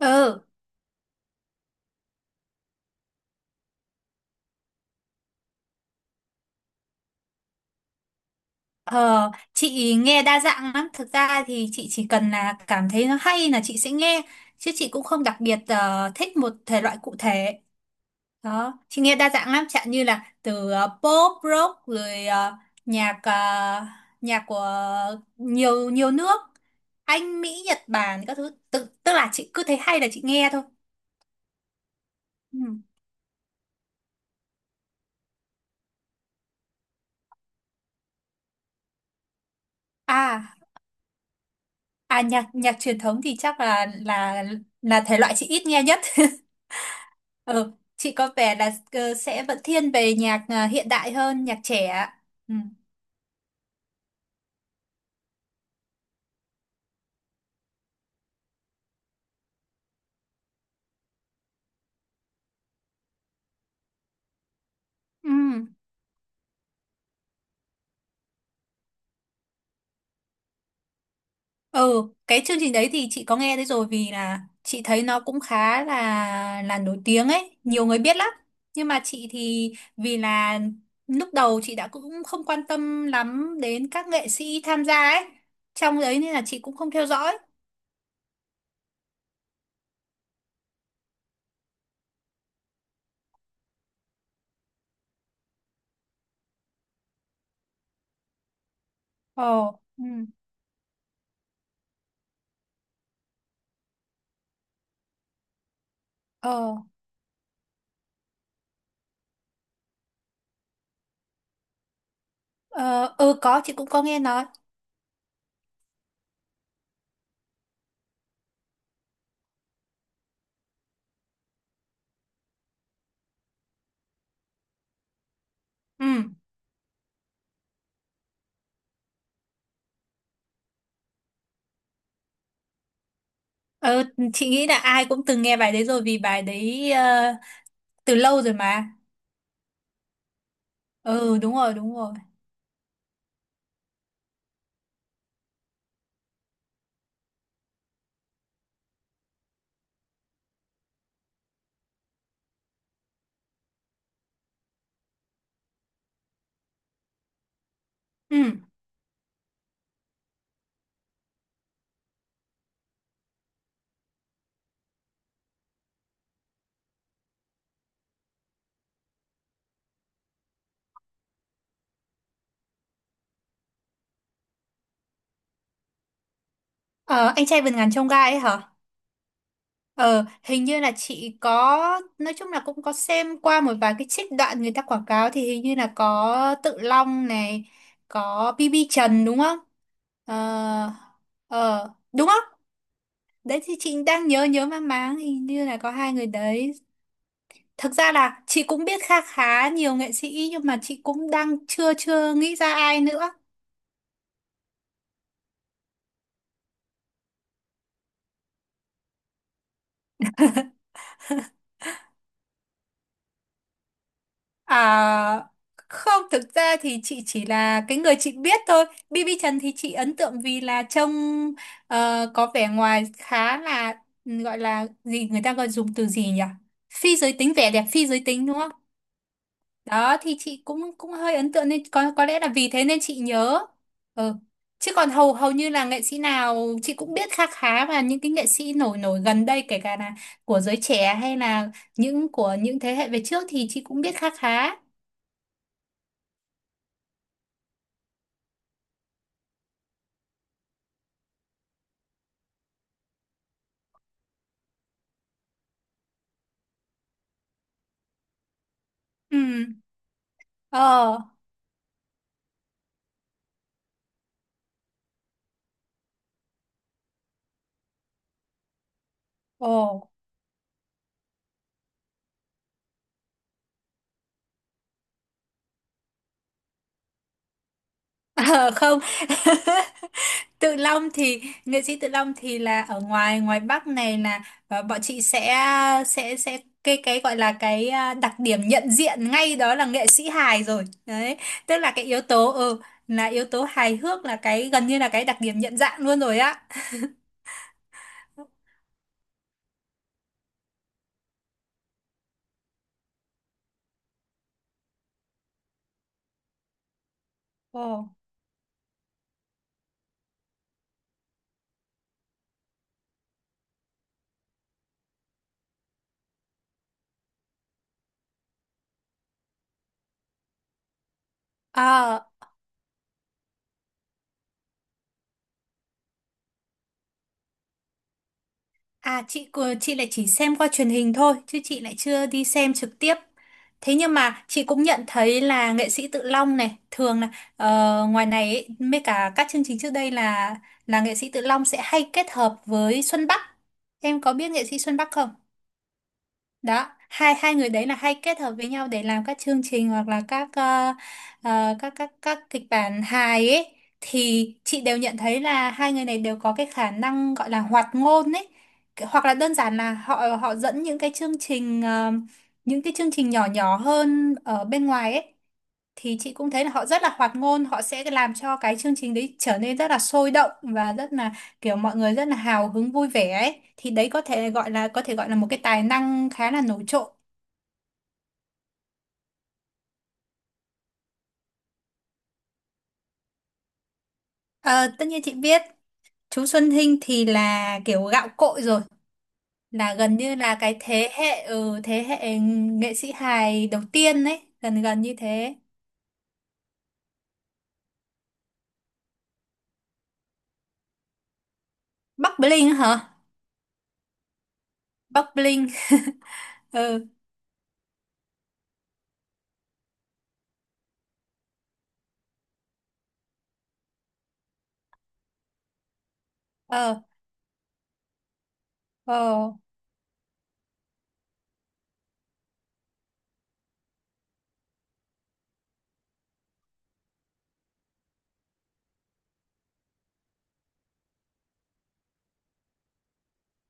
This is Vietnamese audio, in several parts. Ừ, ờ, chị nghe đa dạng lắm. Thực ra thì chị chỉ cần là cảm thấy nó hay là chị sẽ nghe, chứ chị cũng không đặc biệt thích một thể loại cụ thể. Đó, chị nghe đa dạng lắm, chẳng như là từ pop, rock rồi nhạc nhạc của nhiều nhiều nước, Anh, Mỹ, Nhật Bản các thứ. Tức là chị cứ thấy hay là chị nghe thôi. Ừ. À, à nhạc nhạc truyền thống thì chắc là là thể loại chị ít nghe nhất. Ờ, chị có vẻ là sẽ vẫn thiên về nhạc à, hiện đại hơn nhạc trẻ ạ. Ừ. Ừ. Ừ, cái chương trình đấy thì chị có nghe thấy rồi vì là chị thấy nó cũng khá là nổi tiếng ấy, nhiều người biết lắm. Nhưng mà chị thì vì là lúc đầu chị đã cũng không quan tâm lắm đến các nghệ sĩ tham gia ấy. Trong đấy nên là chị cũng không theo dõi. Ồ, ừ. ờ, ờ, ừ có chị cũng có nghe nói. Ừ. Ờ, chị nghĩ là ai cũng từng nghe bài đấy rồi vì bài đấy từ lâu rồi mà. Ừ, đúng rồi, đúng rồi. Ừ. Ờ, anh trai vượt ngàn chông gai ấy hả? Ờ, hình như là chị có, nói chung là cũng có xem qua một vài cái trích đoạn người ta quảng cáo thì hình như là có Tự Long này, có BB Trần đúng không? Ờ, đúng không? Đấy thì chị đang nhớ nhớ mang máng hình như là có hai người đấy. Thực ra là chị cũng biết khá khá nhiều nghệ sĩ nhưng mà chị cũng đang chưa chưa nghĩ ra ai nữa. À, không, thực ra thì chị chỉ là cái người chị biết thôi. BB Trần thì chị ấn tượng vì là trông có vẻ ngoài khá là ừ, gọi là gì người ta gọi dùng từ gì nhỉ? Phi giới tính, vẻ đẹp phi giới tính đúng không? Đó thì chị cũng cũng hơi ấn tượng nên có lẽ là vì thế nên chị nhớ. Ừ. Chứ còn hầu hầu như là nghệ sĩ nào chị cũng biết khá khá và những cái nghệ sĩ nổi nổi gần đây kể cả là của giới trẻ hay là những của những thế hệ về trước thì chị cũng biết khá khá Ừ. ờ Ồ. Ờ, không. Tự Long thì nghệ sĩ Tự Long thì là ở ngoài ngoài Bắc này là bọn chị sẽ sẽ cái gọi là cái à, đặc điểm nhận diện ngay đó là nghệ sĩ hài rồi đấy, tức là cái yếu tố ừ, là yếu tố hài hước là cái gần như là cái đặc điểm nhận dạng luôn rồi á. Ồ. Ờ. À, chị lại chỉ xem qua truyền hình thôi chứ chị lại chưa đi xem trực tiếp. Thế nhưng mà chị cũng nhận thấy là nghệ sĩ Tự Long này thường là ờ, ngoài này ấy, mấy cả các chương trình trước đây là nghệ sĩ Tự Long sẽ hay kết hợp với Xuân Bắc. Em có biết nghệ sĩ Xuân Bắc không? Đó hai hai người đấy là hay kết hợp với nhau để làm các chương trình hoặc là các các các kịch bản hài ấy thì chị đều nhận thấy là hai người này đều có cái khả năng gọi là hoạt ngôn ấy. Cái- hoặc là đơn giản là họ họ dẫn những cái chương trình những cái chương trình nhỏ nhỏ hơn ở bên ngoài ấy thì chị cũng thấy là họ rất là hoạt ngôn, họ sẽ làm cho cái chương trình đấy trở nên rất là sôi động và rất là kiểu mọi người rất là hào hứng vui vẻ ấy thì đấy có thể gọi là một cái tài năng khá là nổi trội. Ờ, tất nhiên chị biết. Chú Xuân Hinh thì là kiểu gạo cội rồi, là gần như là cái thế hệ ừ, thế hệ nghệ sĩ hài đầu tiên ấy, gần gần như thế. Bắc Bling hả? Bắc Bling. Ừ. ờ ờ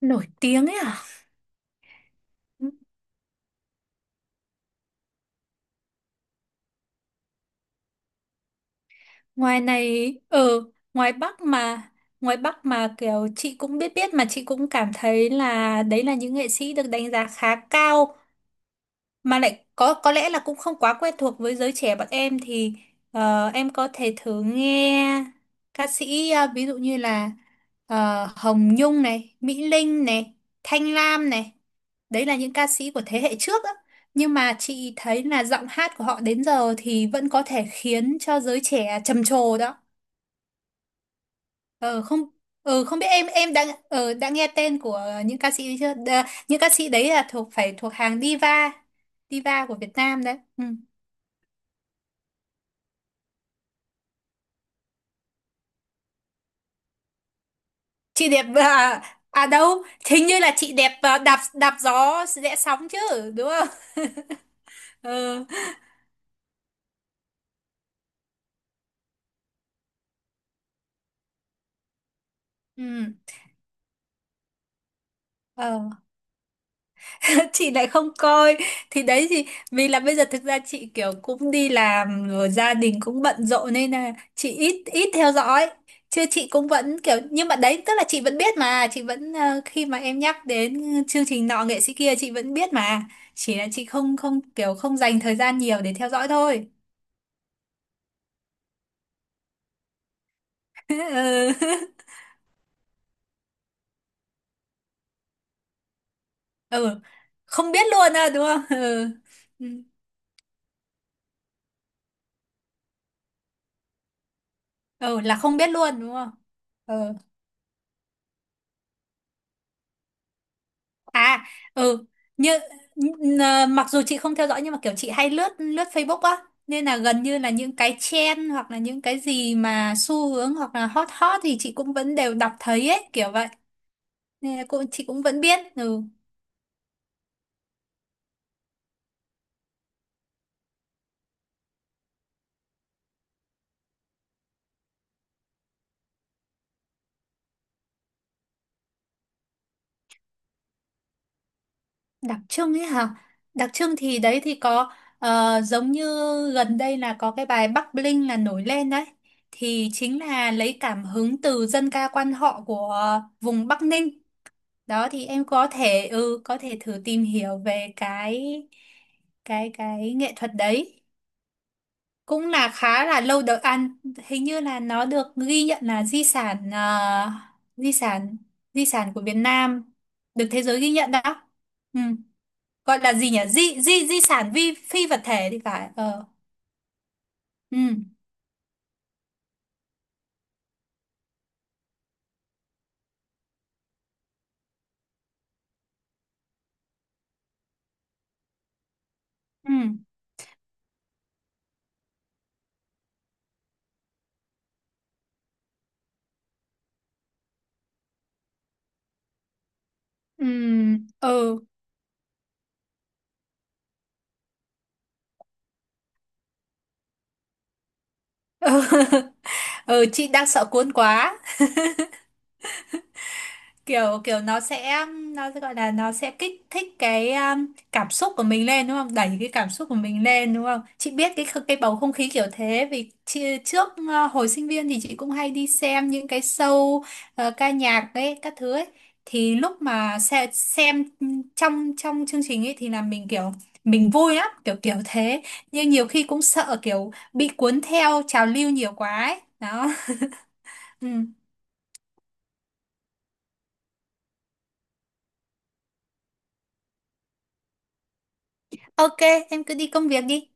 Nổi tiếng ấy à? Ngoài này ở ngoài Bắc mà, ngoài Bắc mà kiểu chị cũng biết biết mà chị cũng cảm thấy là đấy là những nghệ sĩ được đánh giá khá cao mà lại có lẽ là cũng không quá quen thuộc với giới trẻ bọn em thì em có thể thử nghe ca sĩ ví dụ như là Hồng Nhung này, Mỹ Linh này, Thanh Lam này, đấy là những ca sĩ của thế hệ trước á, nhưng mà chị thấy là giọng hát của họ đến giờ thì vẫn có thể khiến cho giới trẻ trầm trồ đó. Ờ không, không biết em đã đã nghe tên của những ca sĩ ấy chưa? Những ca sĩ đấy là thuộc phải thuộc hàng diva, diva của Việt Nam đấy. Ừ. Chị đẹp à, à đâu, hình như là chị đẹp à, đạp đạp gió rẽ sóng chứ, đúng không? Ờ. Ừ. Ờ. Chị lại không coi, thì đấy thì vì là bây giờ thực ra chị kiểu cũng đi làm rồi gia đình cũng bận rộn nên là chị ít ít theo dõi chứ chị cũng vẫn kiểu nhưng mà đấy tức là chị vẫn biết mà chị vẫn khi mà em nhắc đến chương trình nọ nghệ sĩ kia chị vẫn biết mà, chỉ là chị không không kiểu không dành thời gian nhiều để theo dõi thôi. Ừ. Ừ không biết luôn à đúng không? Ừ. Ừ. Ừ, là không biết luôn đúng không? Ừ. À, ừ, như mặc dù chị không theo dõi nhưng mà kiểu chị hay lướt lướt Facebook á, nên là gần như là những cái trend hoặc là những cái gì mà xu hướng hoặc là hot hot thì chị cũng vẫn đều đọc thấy ấy, kiểu vậy. Nên là cũng chị cũng vẫn biết. Ừ, đặc trưng ấy hả? Đặc trưng thì đấy thì có giống như gần đây là có cái bài Bắc Bling là nổi lên đấy. Thì chính là lấy cảm hứng từ dân ca quan họ của vùng Bắc Ninh, đó thì em có thể ừ có thể thử tìm hiểu về cái cái nghệ thuật đấy, cũng là khá là lâu đời ăn, hình như là nó được ghi nhận là di sản di sản, di sản của Việt Nam được thế giới ghi nhận đó. Ừ. Gọi là gì nhỉ, di di di sản vi phi vật thể thì phải. Ờ ừ. Ừ. Ừ. Ừ. Ừ chị đang sợ cuốn quá, kiểu kiểu nó sẽ gọi là nó sẽ kích thích cái cảm xúc của mình lên đúng không, đẩy cái cảm xúc của mình lên đúng không, chị biết cái cái bầu không khí kiểu thế vì trước hồi sinh viên thì chị cũng hay đi xem những cái show ca nhạc ấy các thứ ấy thì lúc mà xem trong trong chương trình ấy thì là mình kiểu mình vui lắm kiểu kiểu thế, nhưng nhiều khi cũng sợ kiểu bị cuốn theo trào lưu nhiều quá ấy đó. Ừ. Ok, em cứ đi công việc đi.